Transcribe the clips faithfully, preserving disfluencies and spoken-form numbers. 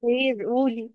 خير قولي.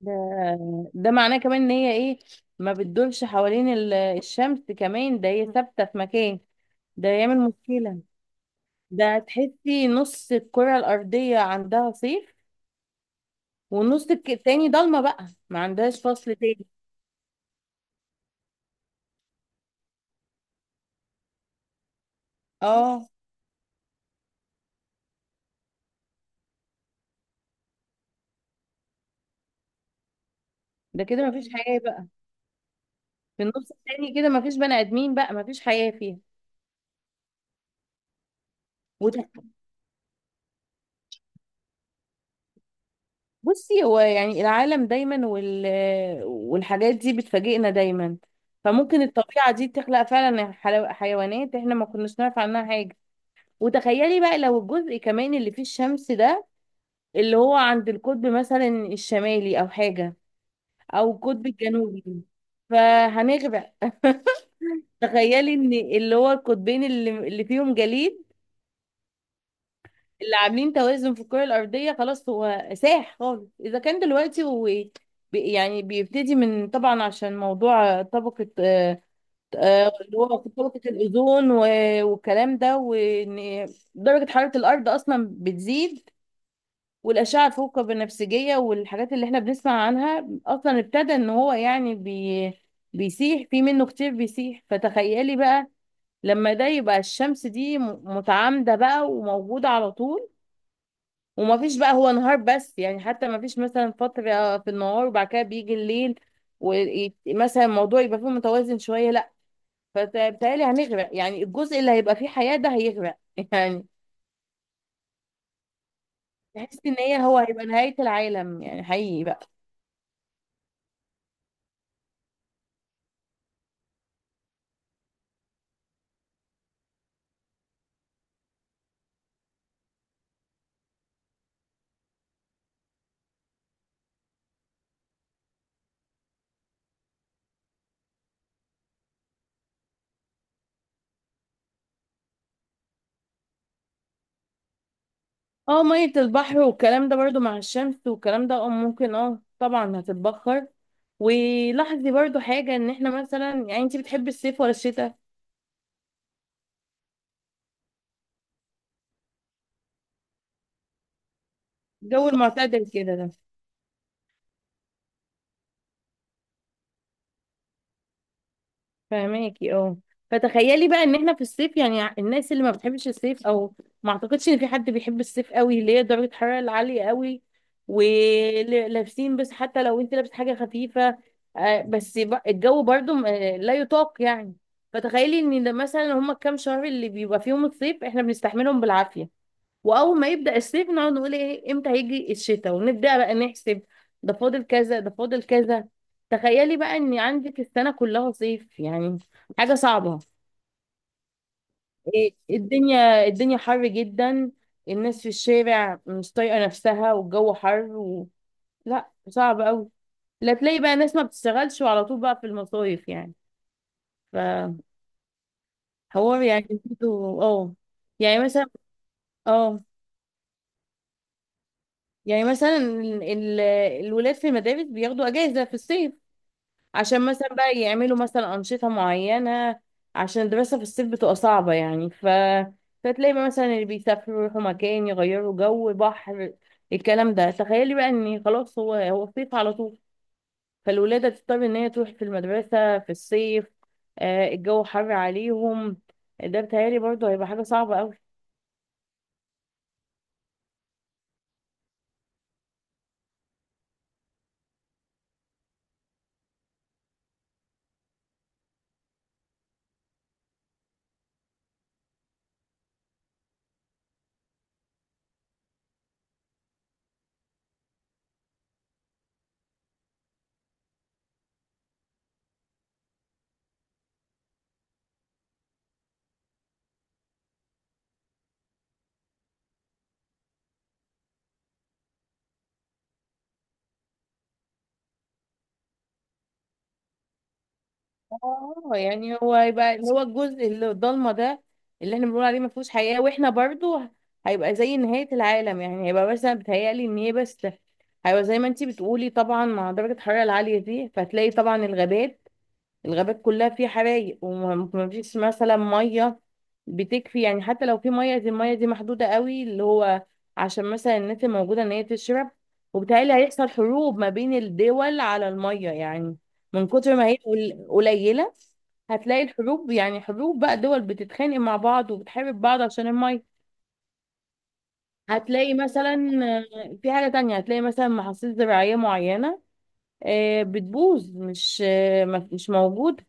ده ده معناه كمان ان هي ايه؟ ما بتدورش حوالين ال- الشمس كمان، ده هي ثابته في مكان، ده يعمل مشكله. ده تحسي نص الكره الارضيه عندها صيف، والنص الك- التاني ضلمه، بقى ما عندهاش فصل تاني. اه ده كده ما فيش حياه بقى، في النص التاني كده ما فيش بني ادمين بقى، ما فيش حياه فيها. بصي، هو يعني العالم دايما وال... والحاجات دي بتفاجئنا دايما. فممكن الطبيعة دي تخلق فعلا حلو- حيوانات احنا ما كناش نعرف عنها حاجة. وتخيلي بقى لو الجزء كمان اللي فيه الشمس ده، اللي هو عند القطب مثلا الشمالي او حاجة، او القطب الجنوبي، فهنغرق. تخيلي ان اللي هو القطبين اللي, اللي فيهم جليد، اللي عاملين توازن في الكرة الأرضية، خلاص هو ساح خالص. إذا كان دلوقتي هو بي- يعني بيبتدي من، طبعا عشان موضوع طبقة آه، آه، اللي هو طبقة الأوزون و- والكلام ده، وإن درجة حرارة الأرض أصلا بتزيد، والأشعة الفوق البنفسجية والحاجات اللي احنا بنسمع عنها أصلا ابتدى إن هو يعني بي بيسيح في، منه كتير بيسيح. فتخيلي بقى لما ده يبقى الشمس دي م- متعامدة بقى وموجودة على طول، وما فيش بقى هو نهار بس، يعني حتى ما فيش مثلا فترة في النهار وبعد كده بيجي الليل ومثلا الموضوع يبقى فيه متوازن شوية، لا. فبالتالي هنغرق، يعني الجزء اللي هيبقى فيه حياة ده هيغرق يعني. تحس ان هي هو هيبقى نهاية العالم، يعني حقيقي بقى. اه مية البحر والكلام ده برضو مع الشمس والكلام ده، اه ممكن، اه طبعا هتتبخر. ولاحظي برضو حاجة، ان احنا مثلا، يعني انت بتحبي الصيف ولا الشتاء؟ الجو المعتدل كده ده. فهماكي، اه. فتخيلي بقى ان احنا في الصيف، يعني الناس اللي ما بتحبش الصيف، او ما اعتقدش ان في حد بيحب الصيف قوي، اللي هي درجة الحرارة العالية قوي. ولابسين بس، حتى لو انت لابس حاجة خفيفة، آه، بس ب- الجو برضو م- آه، لا يطاق يعني. فتخيلي ان ده مثلا، هما كام شهر اللي بيبقى فيهم الصيف احنا بنستحملهم بالعافية، واول ما يبدا الصيف نقعد نقول ايه، امتى هيجي الشتاء، ونبدا بقى نحسب ده فاضل كذا، ده فاضل كذا. تخيلي بقى ان عندك السنه كلها صيف، يعني حاجه صعبه. إيه الدنيا، الدنيا حر جدا، الناس في الشارع مش طايقه نفسها والجو حر و... لا صعب قوي. لا تلاقي بقى ناس ما بتشتغلش وعلى طول بقى في المصايف يعني. فحوار، يعني برضه- اه. يعني مثلا، اه. يعني مثلا ال... ال- الولاد في المدارس بياخدوا اجازه في الصيف، عشان مثلا بقى يعملوا مثلا أنشطة معينة، عشان الدراسة في الصيف بتبقى صعبة يعني. ف فتلاقي بقى مثلا اللي بيسافروا يروحوا مكان يغيروا جو، بحر، الكلام ده. تخيلي بقى ان خلاص هو هو صيف على طول، فالولادة تضطر ان هي تروح في المدرسة في الصيف، آه الجو حر عليهم. ده بتهيألي برضه هيبقى حاجة صعبة. اه يعني هو هيبقى اللي هو الجزء اللي الضلمه ده، اللي احنا بنقول عليه ما فيهوش حياه، واحنا برضو هيبقى زي نهايه العالم يعني. هيبقى مثلا بتهيألي ان هي بس، هيبقى زي ما انتي بتقولي طبعا، مع درجه الحراره العاليه دي، فهتلاقي طبعا الغابات الغابات كلها فيه حرايق، وما فيش مثلا ميه بتكفي يعني. حتى لو في ميه، دي الميه دي محدوده قوي، اللي هو عشان مثلا الناس الموجوده ان هي تشرب. وبالتالي هيحصل حروب ما بين الدول على الميه يعني، من كتر ما هي قل- قليله. هتلاقي الحروب، يعني حروب بقى دول بتتخانق مع بعض وبتحارب بعض عشان الميه. هتلاقي مثلا، آه، في حاجة تانية، هتلاقي مثلا محاصيل زراعية معينة آه، بتبوظ، مش آه، مش موجودة.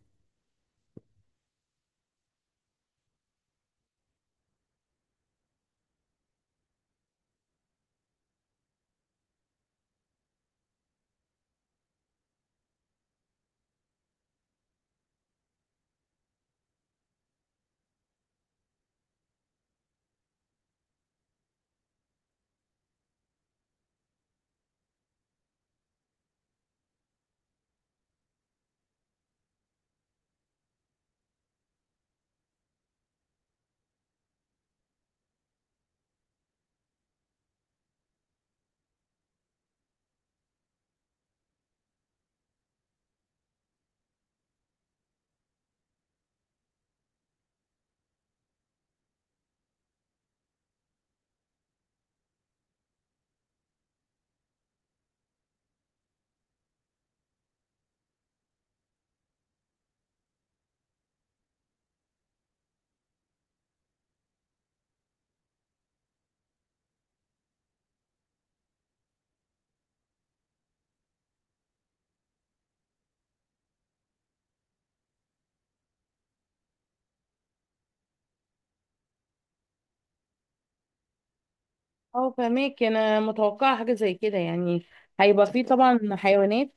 اه فهماك، انا متوقعه حاجه زي كده يعني. هيبقى فيه طبعا حيوانات،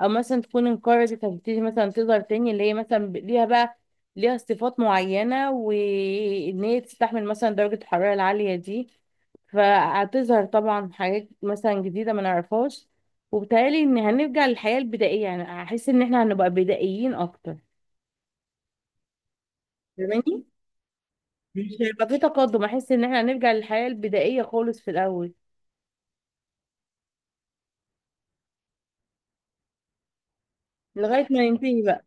او مثلا تكون انقرضت هتبتدي مثلا تظهر تاني، اللي هي مثلا ب- ليها بقى ليها صفات معينه، وان هي تستحمل مثلا درجه الحراره العاليه دي. فهتظهر طبعا حاجات مثلا جديده ما نعرفهاش. وبالتالي ان هنرجع للحياه البدائيه يعني، هحس ان احنا هنبقى بدائيين اكتر. فاهماني، مش هيبقى في تقدم. احس ان احنا هنرجع للحياه البدائيه خالص في الاول، لغايه ما ننتهي بقى.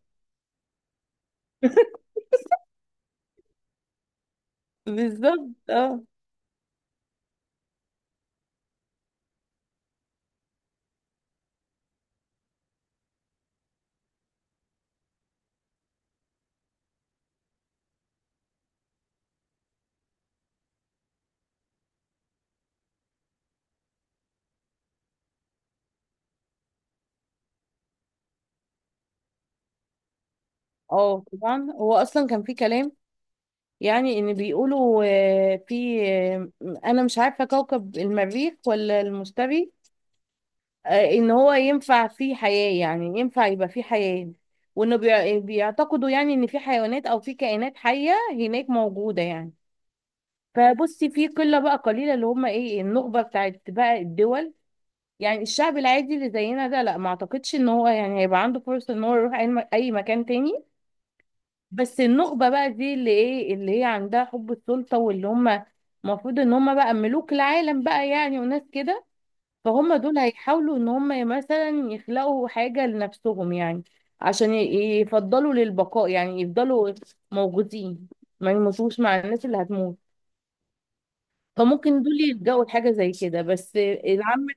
بالظبط اه. اه طبعا هو اصلا كان في كلام، يعني ان بيقولوا، آه، في آه، انا مش عارفه كوكب المريخ ولا المشتري، آه، ان هو ينفع فيه حياه، يعني ينفع يبقى فيه حياه. وانه بيع- بيعتقدوا يعني ان في حيوانات او في كائنات حيه هناك موجوده يعني. فبصي، في قله بقى قليله اللي هم ايه، النخبه بتاعت بقى الدول. يعني الشعب العادي اللي زينا ده لا، ما اعتقدش ان هو يعني هيبقى عنده فرصه ان هو يروح اي أي مكان تاني. بس النخبة بقى دي اللي ايه، اللي هي عندها حب السلطة، واللي هم المفروض ان هم بقى ملوك العالم بقى يعني، وناس كده. فهم دول هيحاولوا ان هم مثلا يخلقوا حاجة لنفسهم، يعني عشان ي- يفضلوا للبقاء، يعني يفضلوا موجودين، ما يموتوش مع الناس اللي هتموت. فممكن دول يلجأوا لحاجة زي كده، بس العامة.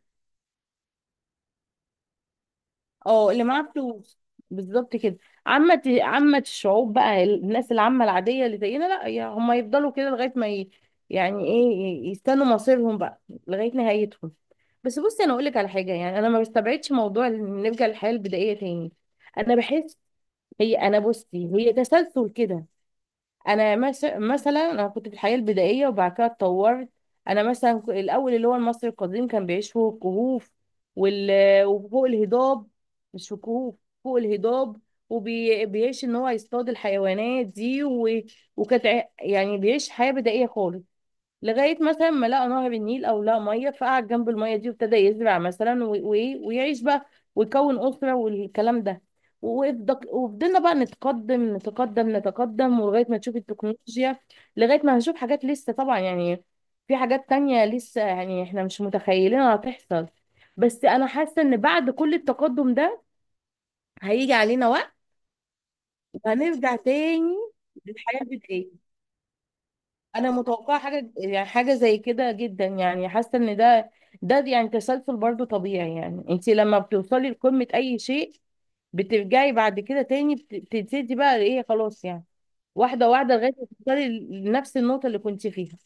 اه اللي معاه فلوس بالظبط كده. عامة عامة الشعوب بقى، الناس العامة العادية اللي زينا، لا يا هم يفضلوا كده لغاية ما ي... يعني ايه، يستنوا مصيرهم بقى، لغاية نهايتهم. بس بصي انا اقول لك على حاجة، يعني انا ما بستبعدش موضوع إن نرجع للحياة البدائية تاني. انا بحس، هي انا بصي هي تسلسل كده. انا مس- مثلا انا كنت في الحياه البدائيه وبعد كده اتطورت. انا مثلا ك- الاول اللي هو المصري القديم كان بيعيش فوق الكهوف وال... وفوق الهضاب، مش في الكهوف، فوق الهضاب. وبيعيش ان هو يصطاد الحيوانات دي و... وكانت ع- يعني بيعيش حياه بدائيه خالص، لغايه مثلا ما لقى نهر النيل او لقى ميه، فقعد جنب الميه دي وابتدى يزرع مثلا و- و- ويعيش بقى، ويكون اسره والكلام ده. وفضل- وفضلنا بقى نتقدم نتقدم نتقدم، ولغايه ما نشوف التكنولوجيا، لغايه ما هنشوف حاجات لسه طبعا يعني، في حاجات تانية لسه يعني احنا مش متخيلينها هتحصل. بس انا حاسه ان بعد كل التقدم ده، هيجي علينا وقت وهنرجع تاني للحياه البدائيه. انا متوقعه حاجه، يعني حاجه زي كده جدا. يعني حاسه ان ده، ده يعني تسلسل برضو طبيعي، يعني انت لما بتوصلي لقمه اي شيء، بترجعي بعد كده تاني، بت- بتبتدي بقى ايه، خلاص يعني واحده واحده، لغايه ما توصلي لنفس النقطه اللي كنت فيها.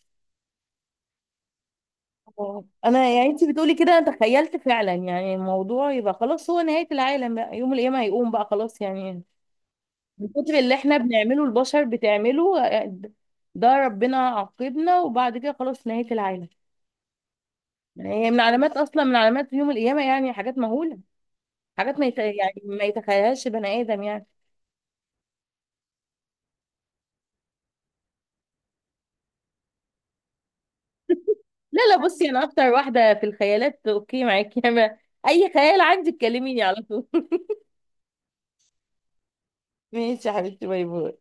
آه. انا يعني انت بتقولي كده، انا تخيلت فعلا يعني الموضوع يبقى خلاص، هو نهايه العالم بقى، يوم القيامه هيقوم بقى خلاص يعني. من كتر اللي احنا بنعمله، البشر بتعمله، آه، ده ربنا عاقبنا وبعد كده خلاص نهايه العالم. يعني هي من علامات، اصلا من علامات يوم القيامه، يعني حاجات مهوله، حاجات ما يت... يعني ما يتخيلهاش بني ادم يعني. لا لا بصي، انا اكتر واحده في الخيالات، اوكي معاكي. انا اي خيال عندي تكلميني على طول. ماشي يا حبيبتي، باي باي.